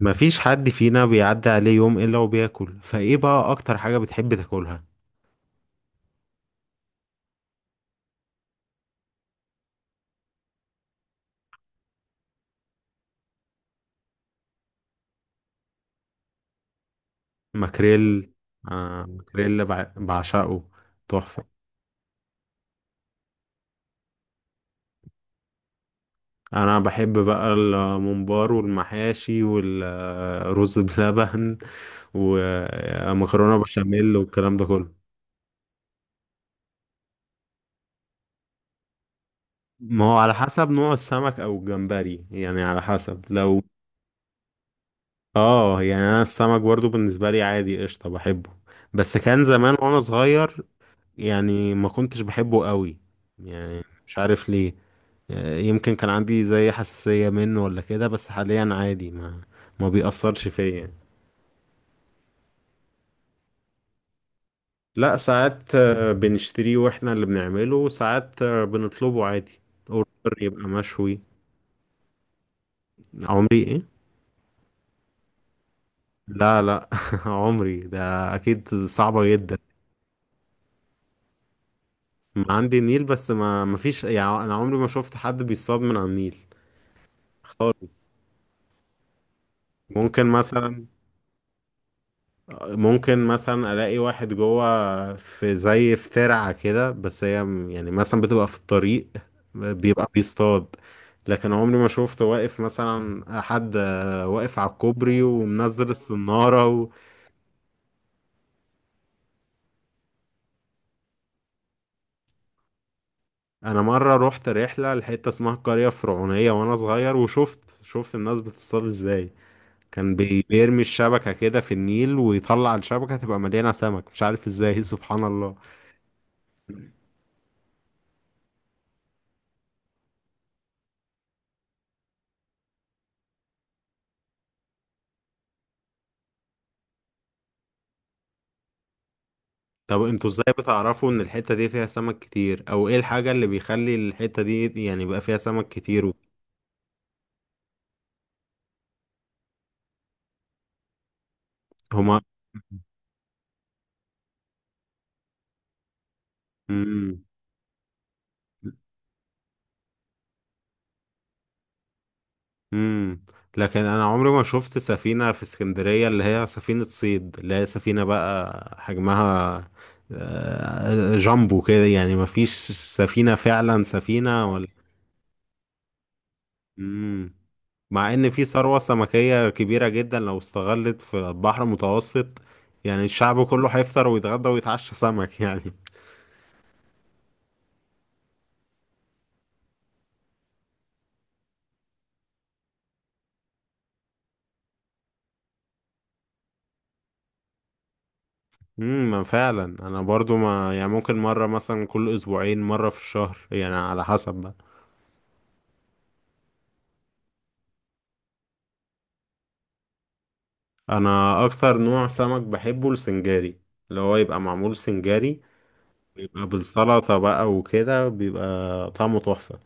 مفيش حد فينا بيعدي عليه يوم إلا وبياكل، فإيه بقى أكتر حاجة بتحب تاكلها؟ ماكريل. ماكريل، بعشقه. تحفة. أنا بحب بقى الممبار والمحاشي والرز بلبن، ومكرونة بشاميل والكلام ده كله. ما هو على حسب نوع السمك أو الجمبري، يعني على حسب لو. اه، يعني أنا السمك برضو بالنسبة لي عادي، قشطة بحبه. بس كان زمان وأنا صغير، يعني ما كنتش بحبه قوي، يعني مش عارف ليه. يمكن كان عندي زي حساسية منه ولا كده، بس حاليا عادي، ما بيأثرش فيا يعني. لا، ساعات بنشتريه واحنا اللي بنعمله، وساعات بنطلبه عادي. اوردر، يبقى مشوي. عمري ايه؟ لا، لا عمري ده. اكيد صعبة جدا. عندي النيل، بس ما فيش يعني، انا عمري ما شفت حد بيصطاد من على النيل خالص. ممكن مثلا ممكن مثلا الاقي واحد جوه في زي في ترعة كده، بس يعني مثلا بتبقى في الطريق بيبقى بيصطاد. لكن عمري ما شفت واقف مثلا حد واقف على الكوبري ومنزل الصنارة و. انا مرة روحت رحلة لحتة اسمها القرية الفرعونية وانا صغير، وشفت الناس بتصطاد ازاي. كان بيرمي الشبكة كده في النيل، ويطلع الشبكة تبقى مليانة سمك، مش عارف ازاي سبحان الله. طب انتوا ازاي بتعرفوا ان الحتة دي فيها سمك كتير، او ايه الحاجة اللي بيخلي الحتة دي يعني يبقى فيها سمك كتير و. هما. امم امم لكن انا عمري ما شفت سفينة في اسكندرية، اللي هي سفينة صيد، اللي هي سفينة بقى حجمها جامبو كده، يعني ما فيش سفينة فعلا سفينة ولا. مم. مع ان في ثروة سمكية كبيرة جدا لو استغلت في البحر المتوسط، يعني الشعب كله هيفطر ويتغدى ويتعشى سمك يعني. ما فعلا انا برضو ما يعني ممكن مرة مثلا كل اسبوعين، مرة في الشهر يعني على حسب بقى. انا اكتر نوع سمك بحبه السنجاري، اللي هو يبقى معمول سنجاري، يبقى بالسلطة بقى وكده بيبقى طعمه تحفة،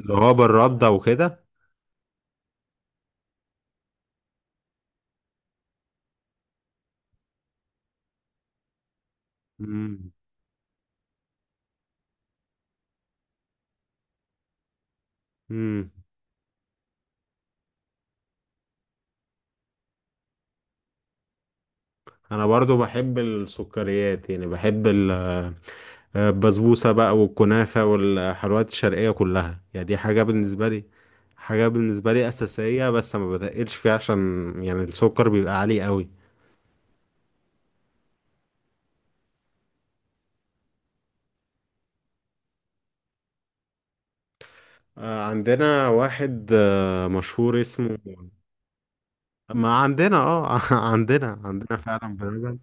اللي هو بالردة وكده. امم انا برضو بحب السكريات، يعني بحب البسبوسة بقى والكنافة والحلويات الشرقية كلها، يعني دي حاجة بالنسبة لي، حاجة بالنسبة لي أساسية، بس ما بتقلش فيها عشان يعني السكر بيبقى عالي قوي. عندنا واحد مشهور اسمه. ما عندنا. اه عندنا فعلا بلبن،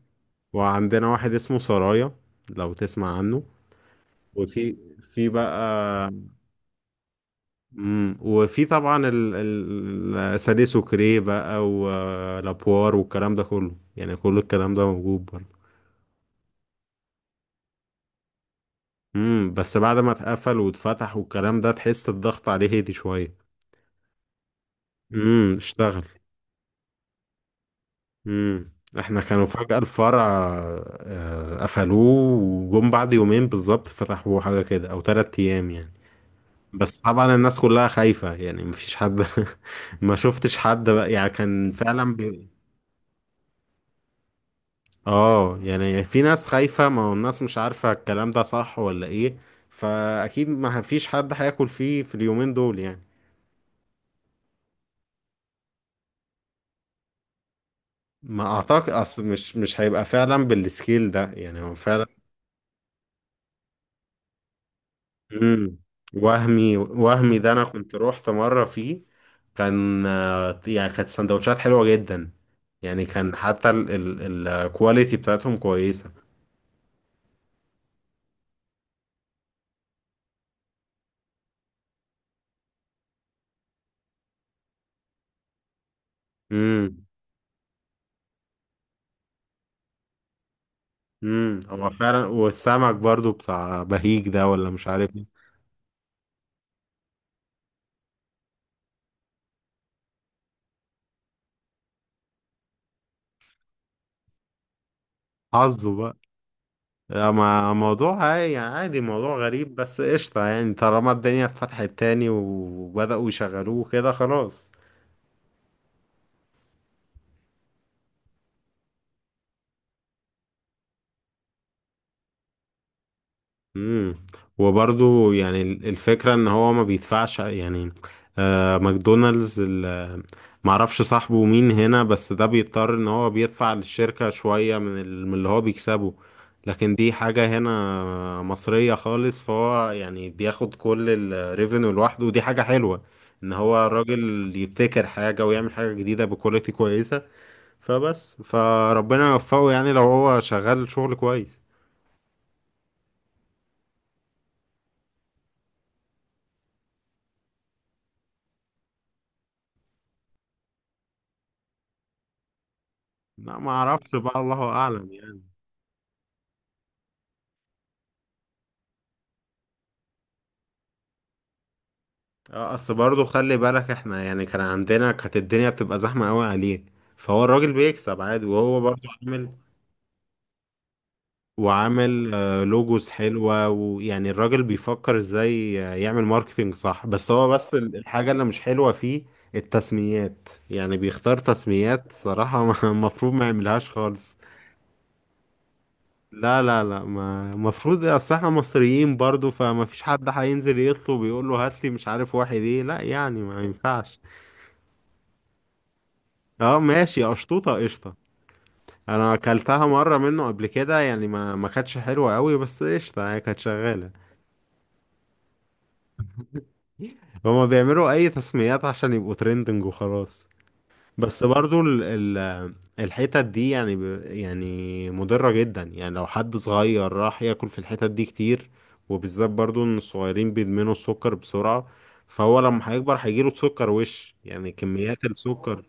وعندنا واحد اسمه سرايا، لو تسمع عنه، وفي بقى. مم. وفي طبعا الاساليب، سوكري بقى ولابوار والكلام ده كله، يعني كل الكلام ده موجود برضه. بس بعد ما اتقفل واتفتح والكلام ده، تحس الضغط عليه هدي شويه. اشتغل. امم احنا كانوا فجأة الفرع قفلوه، وجم بعد يومين بالظبط فتحوه، حاجة كده او 3 ايام يعني. بس طبعا الناس كلها خايفة، يعني مفيش حد ما شفتش حد بقى، يعني كان فعلا. اه، يعني في ناس خايفة، ما هو الناس مش عارفة الكلام ده صح ولا ايه، فاكيد ما فيش حد هياكل فيه في اليومين دول يعني. ما اعتقد، اصل مش هيبقى فعلا بالسكيل ده، يعني هو فعلا. امم وهمي ده، انا كنت روحت مرة فيه، كان يعني كانت سندوتشات حلوة جدا، يعني كان حتى الكواليتي بتاعتهم كويسة. امم هو فعلا، والسمك برضو بتاع بهيج ده، ولا مش عارف إيه. حظه بقى. لا، ما موضوع عادي يعني، عادي، موضوع غريب، بس قشطة يعني طالما الدنيا اتفتحت تاني وبدأوا يشغلوه كده، خلاص. امم وبرضو يعني الفكرة ان هو ما بيدفعش يعني. ماكدونالدز، معرفش صاحبه مين هنا، بس ده بيضطر ان هو بيدفع للشركة شوية من اللي هو بيكسبه. لكن دي حاجة هنا مصرية خالص، فهو يعني بياخد كل الريفينيو لوحده، ودي حاجة حلوة ان هو الراجل يبتكر حاجة ويعمل حاجة جديدة بكواليتي كويسة. فبس فربنا يوفقه، يعني لو هو شغال شغل كويس. لا، ما اعرفش بقى، الله اعلم يعني. اه، اصل برضه خلي بالك، احنا يعني كان عندنا كانت الدنيا بتبقى زحمة قوي عليه، فهو الراجل بيكسب عادي، وهو برضه عامل. وعامل لوجوز حلوة، ويعني الراجل بيفكر ازاي يعمل ماركتينج صح، بس هو بس الحاجة اللي مش حلوة فيه التسميات، يعني بيختار تسميات صراحة المفروض ما يعملهاش خالص. لا، لا، لا، ما المفروض، اصل احنا مصريين برضه، فما فيش حد هينزل يطلب يقول له هات لي مش عارف واحد ايه، لا يعني ما ينفعش. اه ماشي، قشطوطة قشطة. انا اكلتها مرة منه قبل كده، يعني ما كانتش حلوة قوي، بس قشطة هي كانت شغالة. هما بيعملوا اي تسميات عشان يبقوا ترندنج، وخلاص. بس برضو ال ال الحتت دي يعني، يعني مضرة جدا، يعني لو حد صغير راح ياكل في الحتت دي كتير، وبالذات برضو ان الصغيرين بيدمنوا السكر بسرعة، فهو لما هيكبر هيجيله سكر، وش يعني كميات السكر.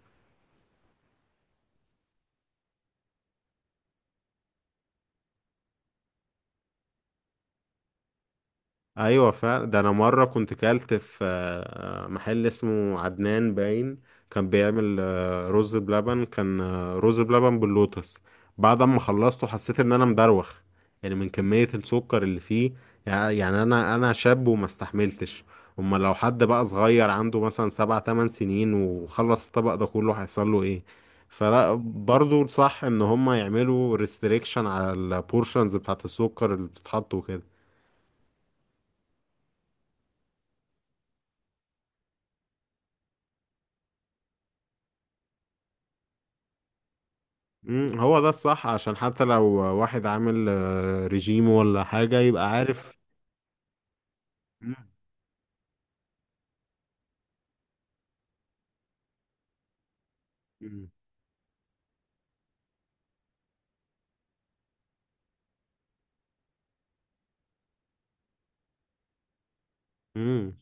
ايوه فعلا، ده انا مره كنت كلت في محل اسمه عدنان باين، كان بيعمل رز بلبن، كان رز بلبن باللوتس. بعد ما خلصته حسيت ان انا مدروخ، يعني من كميه السكر اللي فيه. يعني انا شاب وما استحملتش. اما لو حد بقى صغير عنده مثلا سبع تمن سنين وخلص الطبق ده كله، هيحصل له ايه؟ فلا، برضو صح ان هم يعملوا ريستريكشن على البورشنز بتاعت السكر اللي بتتحط وكده. مم، هو ده الصح، عشان حتى لو واحد عامل ريجيم ولا حاجة يبقى عارف. مم، مم، مم،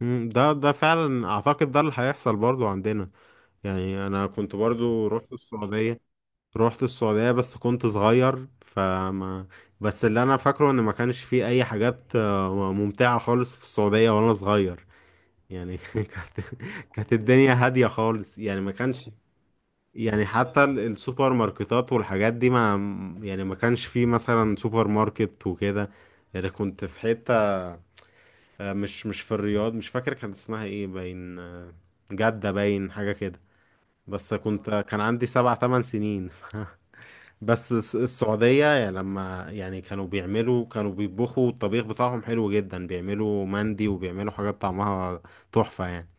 مم. ده فعلا، اعتقد ده اللي هيحصل برضو عندنا. يعني انا كنت برضو رحت السعودية. بس كنت صغير، فما. بس اللي انا فاكره ان ما كانش فيه اي حاجات ممتعة خالص في السعودية وانا صغير، يعني كانت. كانت الدنيا هادية خالص، يعني ما كانش. يعني حتى السوبر ماركتات والحاجات دي، ما. يعني ما كانش فيه مثلا سوبر ماركت وكده، يعني كنت في حتة مش مش في الرياض، مش فاكر كان اسمها ايه، باين جدة باين حاجة كده، بس كنت كان عندي سبع تمن سنين بس السعودية، يعني لما يعني كانوا بيعملوا كانوا بيطبخوا الطبيخ بتاعهم حلو جدا، بيعملوا مندي وبيعملوا حاجات طعمها تحفة يعني.